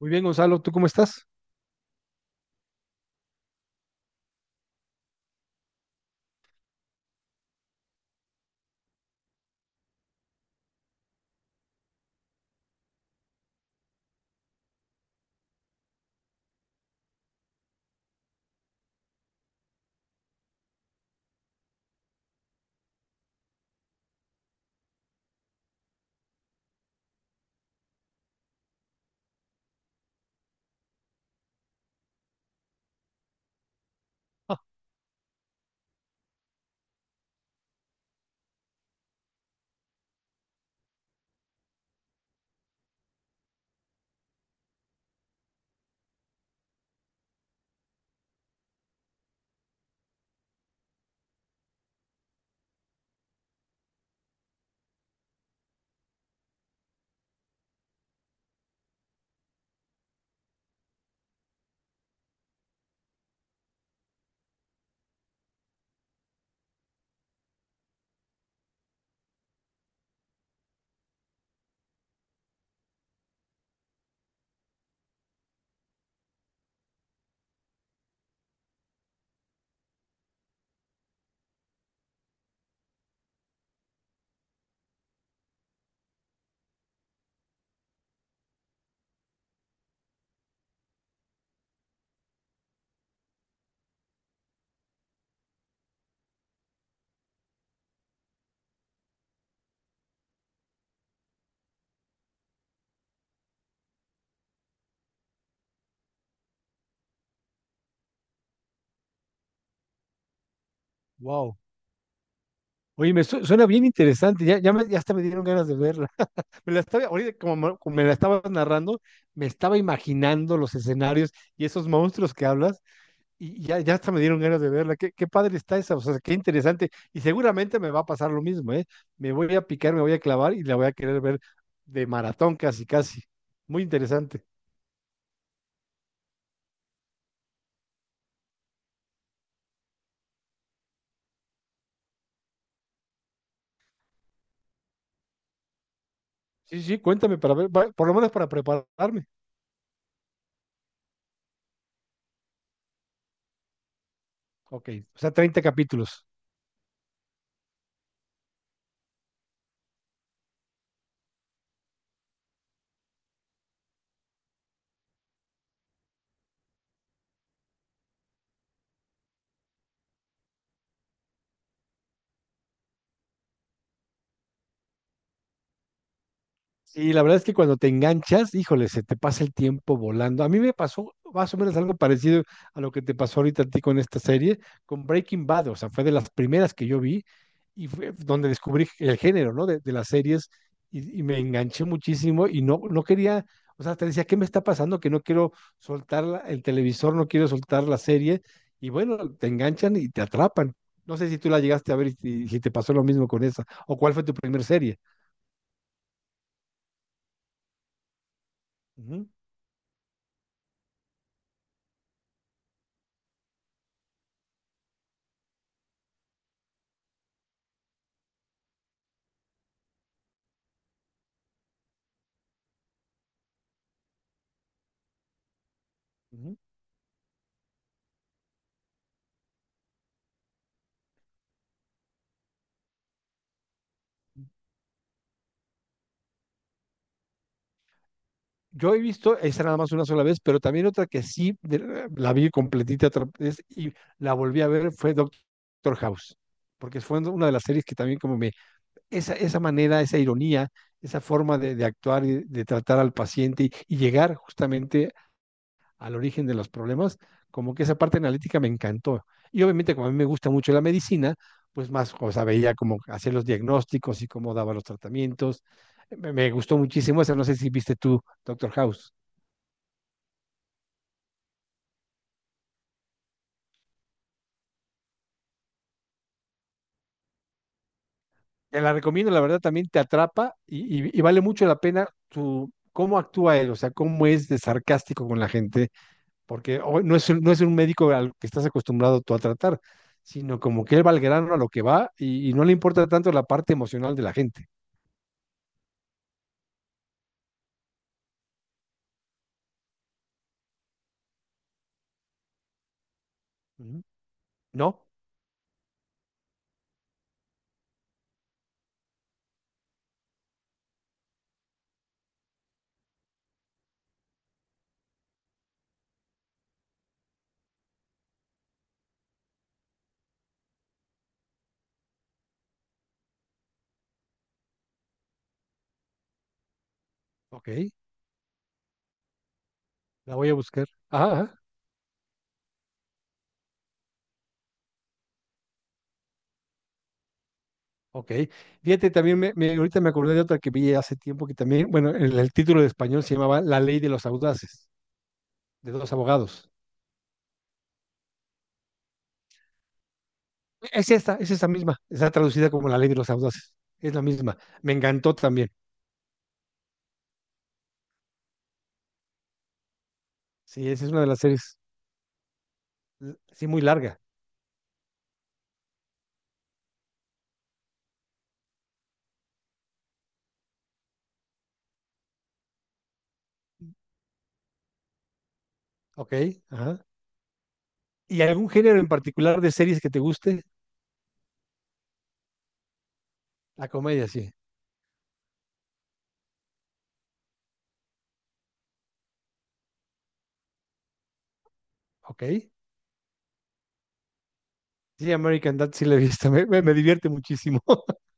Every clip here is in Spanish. Muy bien, Gonzalo, ¿tú cómo estás? Wow. Oye, me suena bien interesante. Ya hasta me dieron ganas de verla. Me la estaba, ahorita como me la estabas narrando, me estaba imaginando los escenarios y esos monstruos que hablas, y ya, ya hasta me dieron ganas de verla. Qué padre está esa, o sea, qué interesante. Y seguramente me va a pasar lo mismo, ¿eh? Me voy a picar, me voy a clavar y la voy a querer ver de maratón casi, casi. Muy interesante. Sí, sí, cuéntame para ver, por lo menos para prepararme. Ok, o sea, 30 capítulos. Sí, la verdad es que cuando te enganchas, híjole, se te pasa el tiempo volando. A mí me pasó más o menos algo parecido a lo que te pasó ahorita a ti con esta serie, con Breaking Bad, o sea, fue de las primeras que yo vi y fue donde descubrí el género, ¿no? De las series y me enganché muchísimo y no, no quería, o sea, te decía, ¿qué me está pasando? Que no quiero soltar el televisor, no quiero soltar la serie y bueno, te enganchan y te atrapan. No sé si tú la llegaste a ver y si, si te pasó lo mismo con esa, o cuál fue tu primera serie. Ujú, ujú. Yo he visto esa nada más una sola vez, pero también otra que sí la vi completita otra vez y la volví a ver fue Doctor House, porque fue una de las series que también como me, esa manera, esa ironía, esa forma de actuar y de tratar al paciente y llegar justamente al origen de los problemas, como que esa parte analítica me encantó. Y obviamente como a mí me gusta mucho la medicina, pues más, o sea, veía cómo hacía los diagnósticos y cómo daba los tratamientos. Me gustó muchísimo esa, no sé si viste tú, Doctor House. Te la recomiendo, la verdad también te atrapa y vale mucho la pena tu, cómo actúa él, o sea, cómo es de sarcástico con la gente, porque no es, no es un médico al que estás acostumbrado tú a tratar, sino como que él va al grano a lo que va y no le importa tanto la parte emocional de la gente. Ujú. ¿No? Ok, la voy a buscar. Ajá, ajá, ok. Fíjate, también ahorita me acordé de otra que vi hace tiempo que también, bueno, el título de español se llamaba La ley de los audaces, de dos abogados. Es esta misma. Está traducida como La Ley de los Audaces. Es la misma. Me encantó también. Sí, esa es una de las series, l- sí, muy larga. Ok, ajá. ¿Y algún género en particular de series que te guste? La comedia, sí. Ok. Sí, American Dad sí la he visto. Me divierte muchísimo.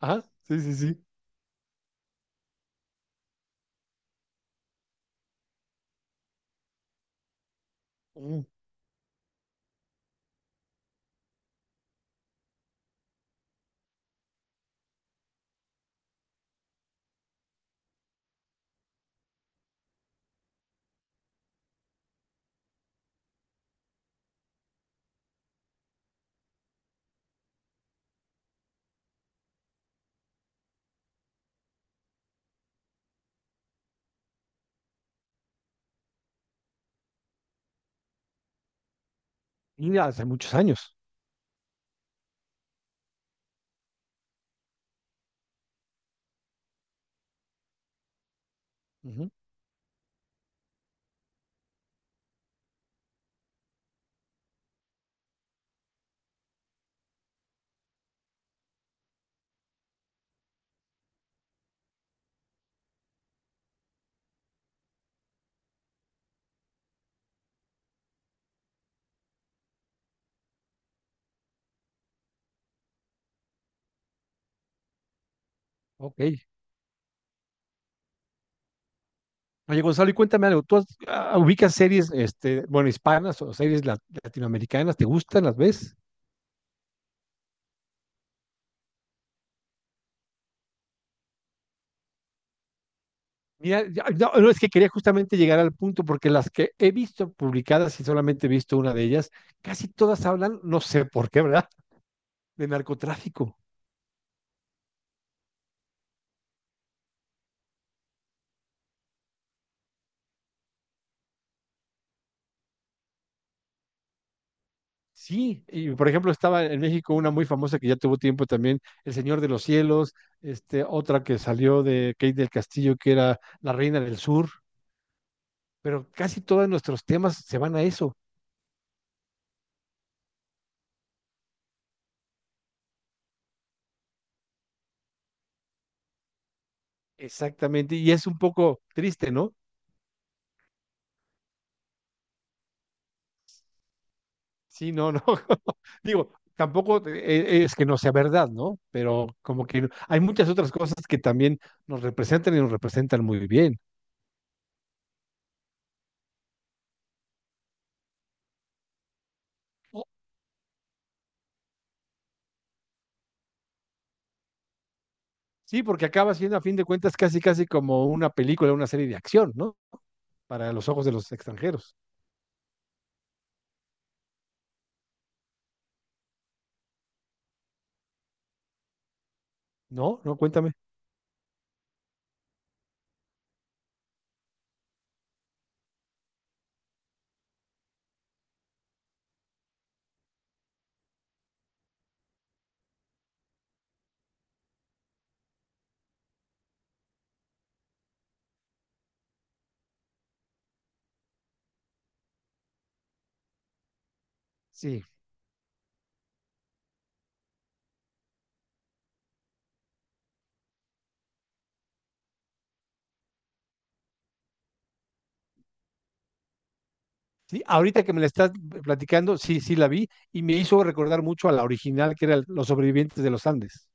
Ajá, sí, sí, sí. Mm, y hace muchos años. Ujú, ok. Oye, Gonzalo, y cuéntame algo. ¿Tú ubicas series, este, bueno, hispanas o series latinoamericanas? ¿Te gustan? ¿Las ves? Mira, no, no, es que quería justamente llegar al punto, porque las que he visto publicadas y solamente he visto una de ellas, casi todas hablan, no sé por qué, ¿verdad?, de narcotráfico. Sí, y por ejemplo estaba en México una muy famosa que ya tuvo tiempo también, El Señor de los Cielos, este, otra que salió de Kate del Castillo, que era La Reina del Sur, pero casi todos nuestros temas se van a eso, exactamente, y es un poco triste, ¿no? Sí, no, no. Digo, tampoco es que no sea verdad, ¿no? Pero como que hay muchas otras cosas que también nos representan y nos representan muy bien. Sí, porque acaba siendo a fin de cuentas casi, casi como una película, una serie de acción, ¿no? Para los ojos de los extranjeros. No, no, cuéntame. Sí, sí, ahorita que me la estás platicando, sí, sí la vi y me hizo recordar mucho a la original que era Los sobrevivientes de los Andes.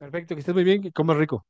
Perfecto, que estés muy bien, que comas rico.